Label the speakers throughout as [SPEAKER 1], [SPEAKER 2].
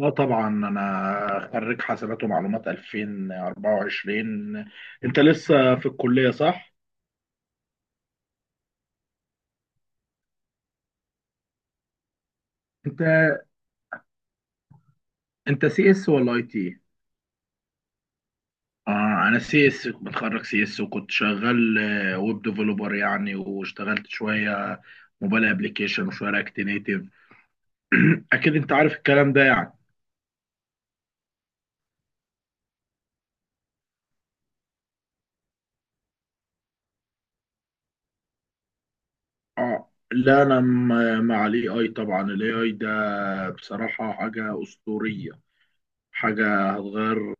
[SPEAKER 1] اه، طبعا انا خريج حاسبات ومعلومات 2024. انت لسه في الكلية صح؟ انت انت سي اس ولا اي تي؟ اه، انا سي اس، متخرج سي اس، وكنت شغال ويب ديفلوبر يعني، واشتغلت شوية موبايل ابلكيشن وشوية رياكت نيتف. اكيد انت عارف الكلام ده يعني. اه، لا، انا مع الاي اي. طبعا الاي اي ده بصراحة حاجة اسطورية، حاجة هتغير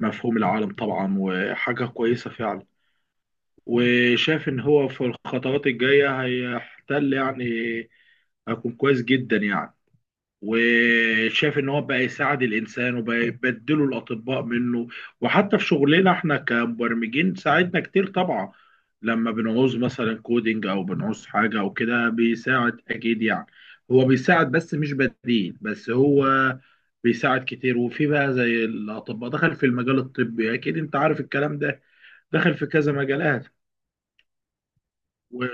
[SPEAKER 1] مفهوم العالم طبعا، وحاجة كويسة فعلا. وشايف إن هو في الخطوات الجاية هيحتل يعني، هيكون كويس جدا يعني. وشاف ان هو بقى يساعد الانسان وبقى يبدله الاطباء منه. وحتى في شغلنا احنا كمبرمجين ساعدنا كتير طبعا، لما بنعوز مثلا كودينج او بنعوز حاجه او كده بيساعد اكيد يعني. هو بيساعد بس مش بديل، بس هو بيساعد كتير. وفي بقى زي الاطباء دخل في المجال الطبي، اكيد انت عارف الكلام ده. دخل في كذا مجالات و...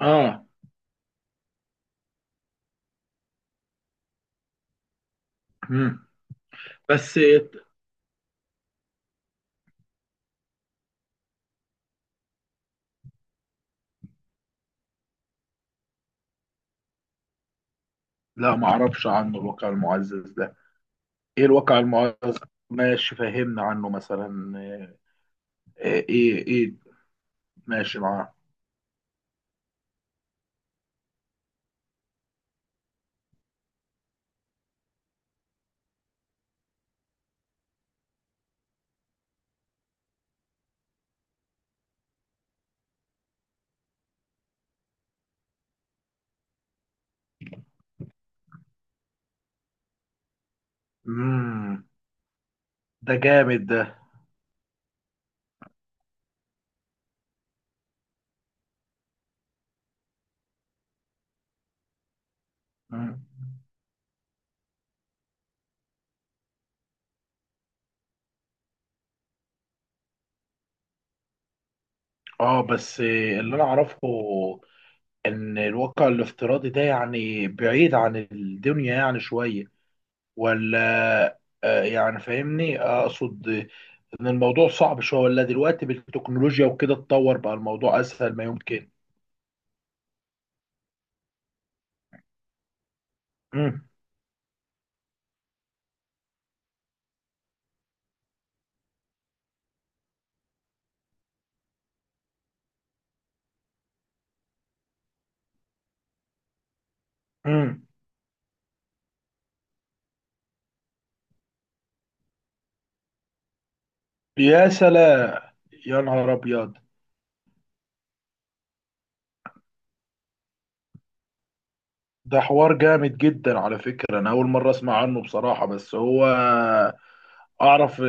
[SPEAKER 1] اه. مم. بس لا، ما اعرفش عنه الواقع المعزز ده. ايه الواقع المعاصر؟ ماشي، فهمنا عنه مثلا. ايه ايه، ماشي معاه. امم ده جامد ده. مم. اه، بس اللي انا اعرفه ان الواقع الافتراضي ده يعني بعيد عن الدنيا يعني شوية، ولا؟ يعني فاهمني، اقصد ان الموضوع صعب شوية، ولا دلوقتي بالتكنولوجيا وكده اتطور بقى الموضوع اسهل ما يمكن؟ امم امم يا سلام. يا نهار ابيض. ده حوار جامد جدا على فكرة، أنا أول مرة أسمع عنه بصراحة، بس هو أعرف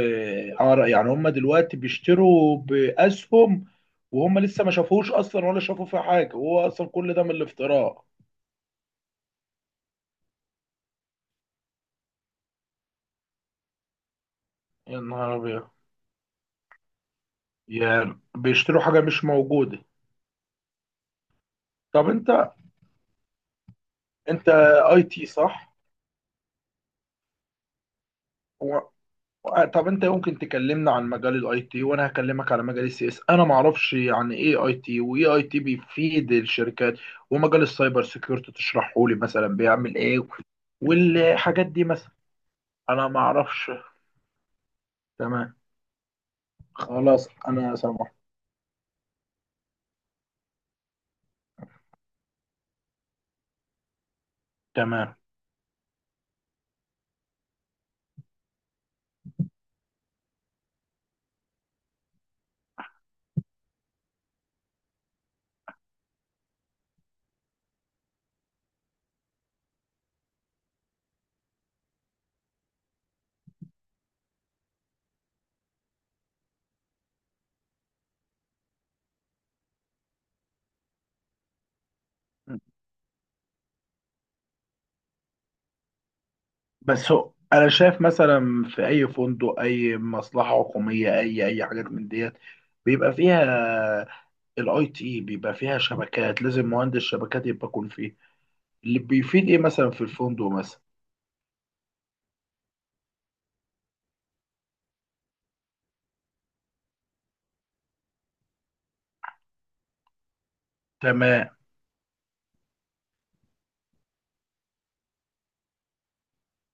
[SPEAKER 1] أعرف يعني هم دلوقتي بيشتروا بأسهم، وهم لسه ما شافوش أصلا ولا شافوا فيه حاجة، وهو أصلا كل ده من الافتراء. يا نهار أبيض. يعني بيشتروا حاجة مش موجودة. طب أنت، أنت أي تي صح؟ طب انت يمكن تكلمنا عن مجال الاي تي، وانا هكلمك على مجال السي اس. انا ما اعرفش يعني ايه اي تي، وايه اي تي بيفيد الشركات، ومجال السايبر سيكيورتي تشرحه لي مثلا بيعمل ايه، والحاجات دي مثلا انا ما اعرفش. تمام، خلاص انا سامح. تمام. بس هو انا شايف مثلا في اي فندق، اي مصلحه حكوميه، اي حاجات من ديت بيبقى فيها الاي تي، بيبقى فيها شبكات، لازم مهندس شبكات يبقى يكون فيه اللي بيفيد ايه مثلا في الفندق مثلا. تمام.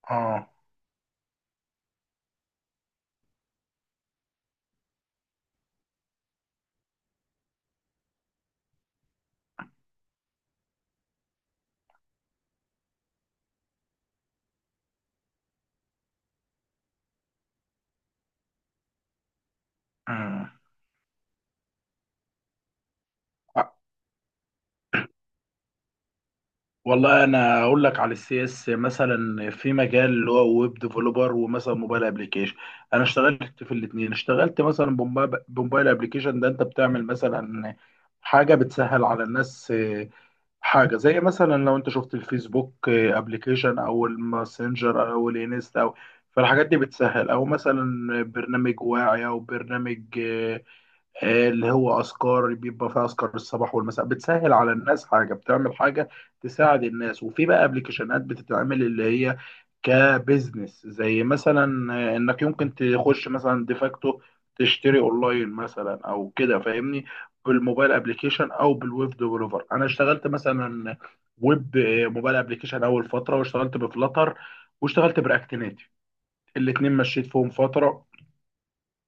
[SPEAKER 1] اه. مم. آه. والله انا اقول لك على السي اس. مثلا في مجال اللي هو ويب ديفلوبر ومثلا موبايل ابلكيشن، انا اشتغلت في الاثنين. اشتغلت مثلا بموبايل ابلكيشن، ده انت بتعمل مثلا حاجه بتسهل على الناس، حاجه زي مثلا لو انت شفت الفيسبوك ابلكيشن او الماسنجر او الانستا او... فالحاجات دي بتسهل. او مثلا برنامج واعي، او برنامج اللي هو أذكار، بيبقى فيها أذكار الصباح والمساء، بتسهل على الناس، حاجة بتعمل حاجة تساعد الناس. وفي بقى ابلكيشنات بتتعمل اللي هي كبزنس، زي مثلا انك يمكن تخش مثلا ديفاكتو تشتري اونلاين مثلا او كده فاهمني. بالموبايل ابلكيشن او بالويب ديفلوبر انا اشتغلت مثلا ويب، موبايل ابلكيشن اول فتره، واشتغلت بفلاتر، واشتغلت براكت نيتف. الاتنين مشيت فيهم فتره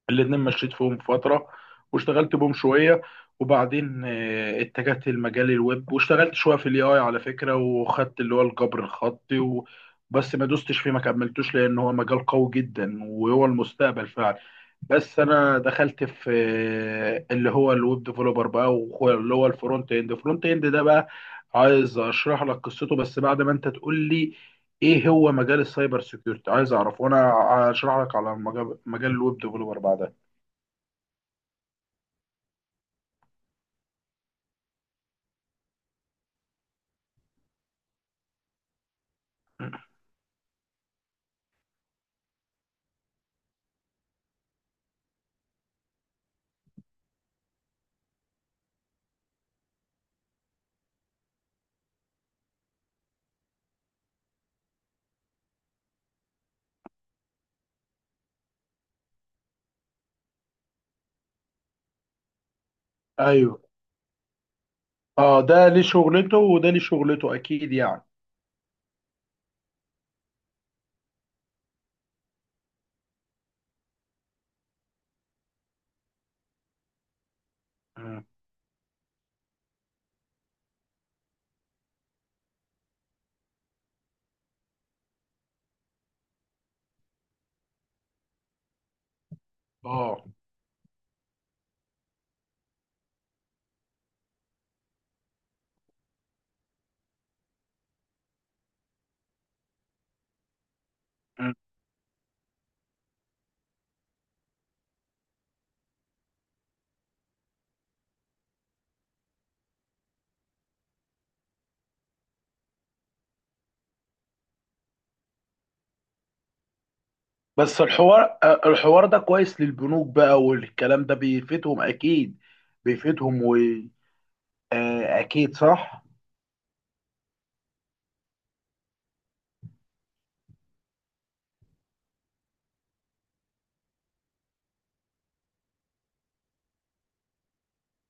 [SPEAKER 1] الاتنين مشيت فيهم فترة، واشتغلت بهم شوية. وبعدين اتجهت لمجال الويب، واشتغلت شوية في الاي اي على فكرة، وخدت اللي هو الجبر الخطي بس ما دوستش فيه، ما كملتوش، لان هو مجال قوي جدا وهو المستقبل فعلا. بس انا دخلت في اللي هو الويب ديفلوبر بقى، اللي هو الفرونت اند ده بقى، عايز اشرح لك قصته، بس بعد ما انت تقول لي ايه هو مجال السايبر سيكيورتي، عايز اعرف، وانا اشرح لك على مجال الويب ديفلوبر بعدها. مم. ايوه. اه، ده ليه شغلته وده ليه شغلته اكيد يعني. مم. اه. مم. بس الحوار ده كويس للبنوك بقى، والكلام ده بيفيدهم اكيد. بيفيدهم و آه، اكيد صح.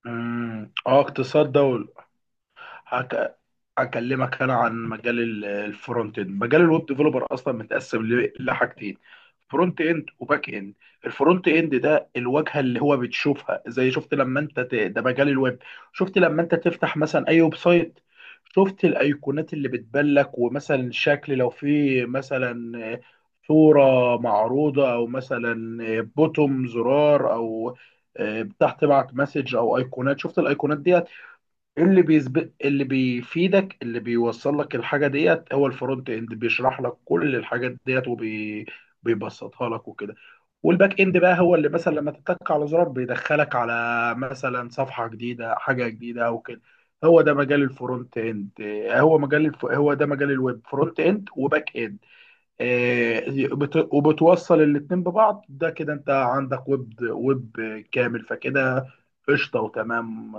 [SPEAKER 1] مم. اه، اقتصاد دولة. اكلمك انا عن مجال الفرونت اند. مجال الويب ديفلوبر اصلا متقسم لحاجتين: فرونت اند وباك اند. الفرونت اند ده الواجهه اللي هو بتشوفها. زي شفت لما انت ده مجال الويب. شفت لما انت تفتح مثلا اي ويب سايت، شفت الايقونات اللي بتبان لك، ومثلا شكل لو في مثلا صوره معروضه، او مثلا بوتوم زرار، او تحت بعت مسج، او ايقونات. شفت الايقونات دي، اللي بيسبق، اللي بيفيدك، اللي بيوصل لك الحاجه ديت هو الفرونت اند. بيشرح لك كل الحاجات ديت وبيبسطها لك وكده. والباك اند بقى هو اللي مثلا لما تتك على زرار بيدخلك على مثلا صفحه جديده، حاجه جديده او كده. هو ده مجال الفرونت اند. هو ده مجال الويب، فرونت اند وباك اند. آه، وبتوصل الاتنين ببعض، ده كده انت عندك ويب كامل، فكده قشطه وتمام.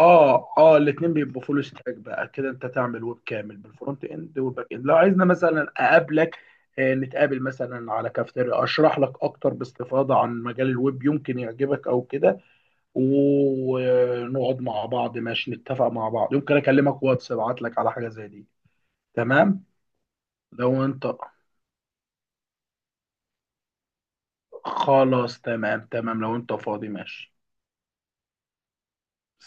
[SPEAKER 1] اه الاثنين بيبقوا فول ستاك بقى، كده انت تعمل ويب كامل بالفرونت اند والباك اند. لو عايزنا مثلا اقابلك، نتقابل مثلا على كافتيريا، اشرح لك اكتر باستفاضه عن مجال الويب، يمكن يعجبك او كده. ونقعد مع بعض ماشي، نتفق مع بعض، يمكن اكلمك واتس، ابعت لك على حاجه زي دي. تمام. لو انت خلاص تمام. تمام، لو انت فاضي ماشي.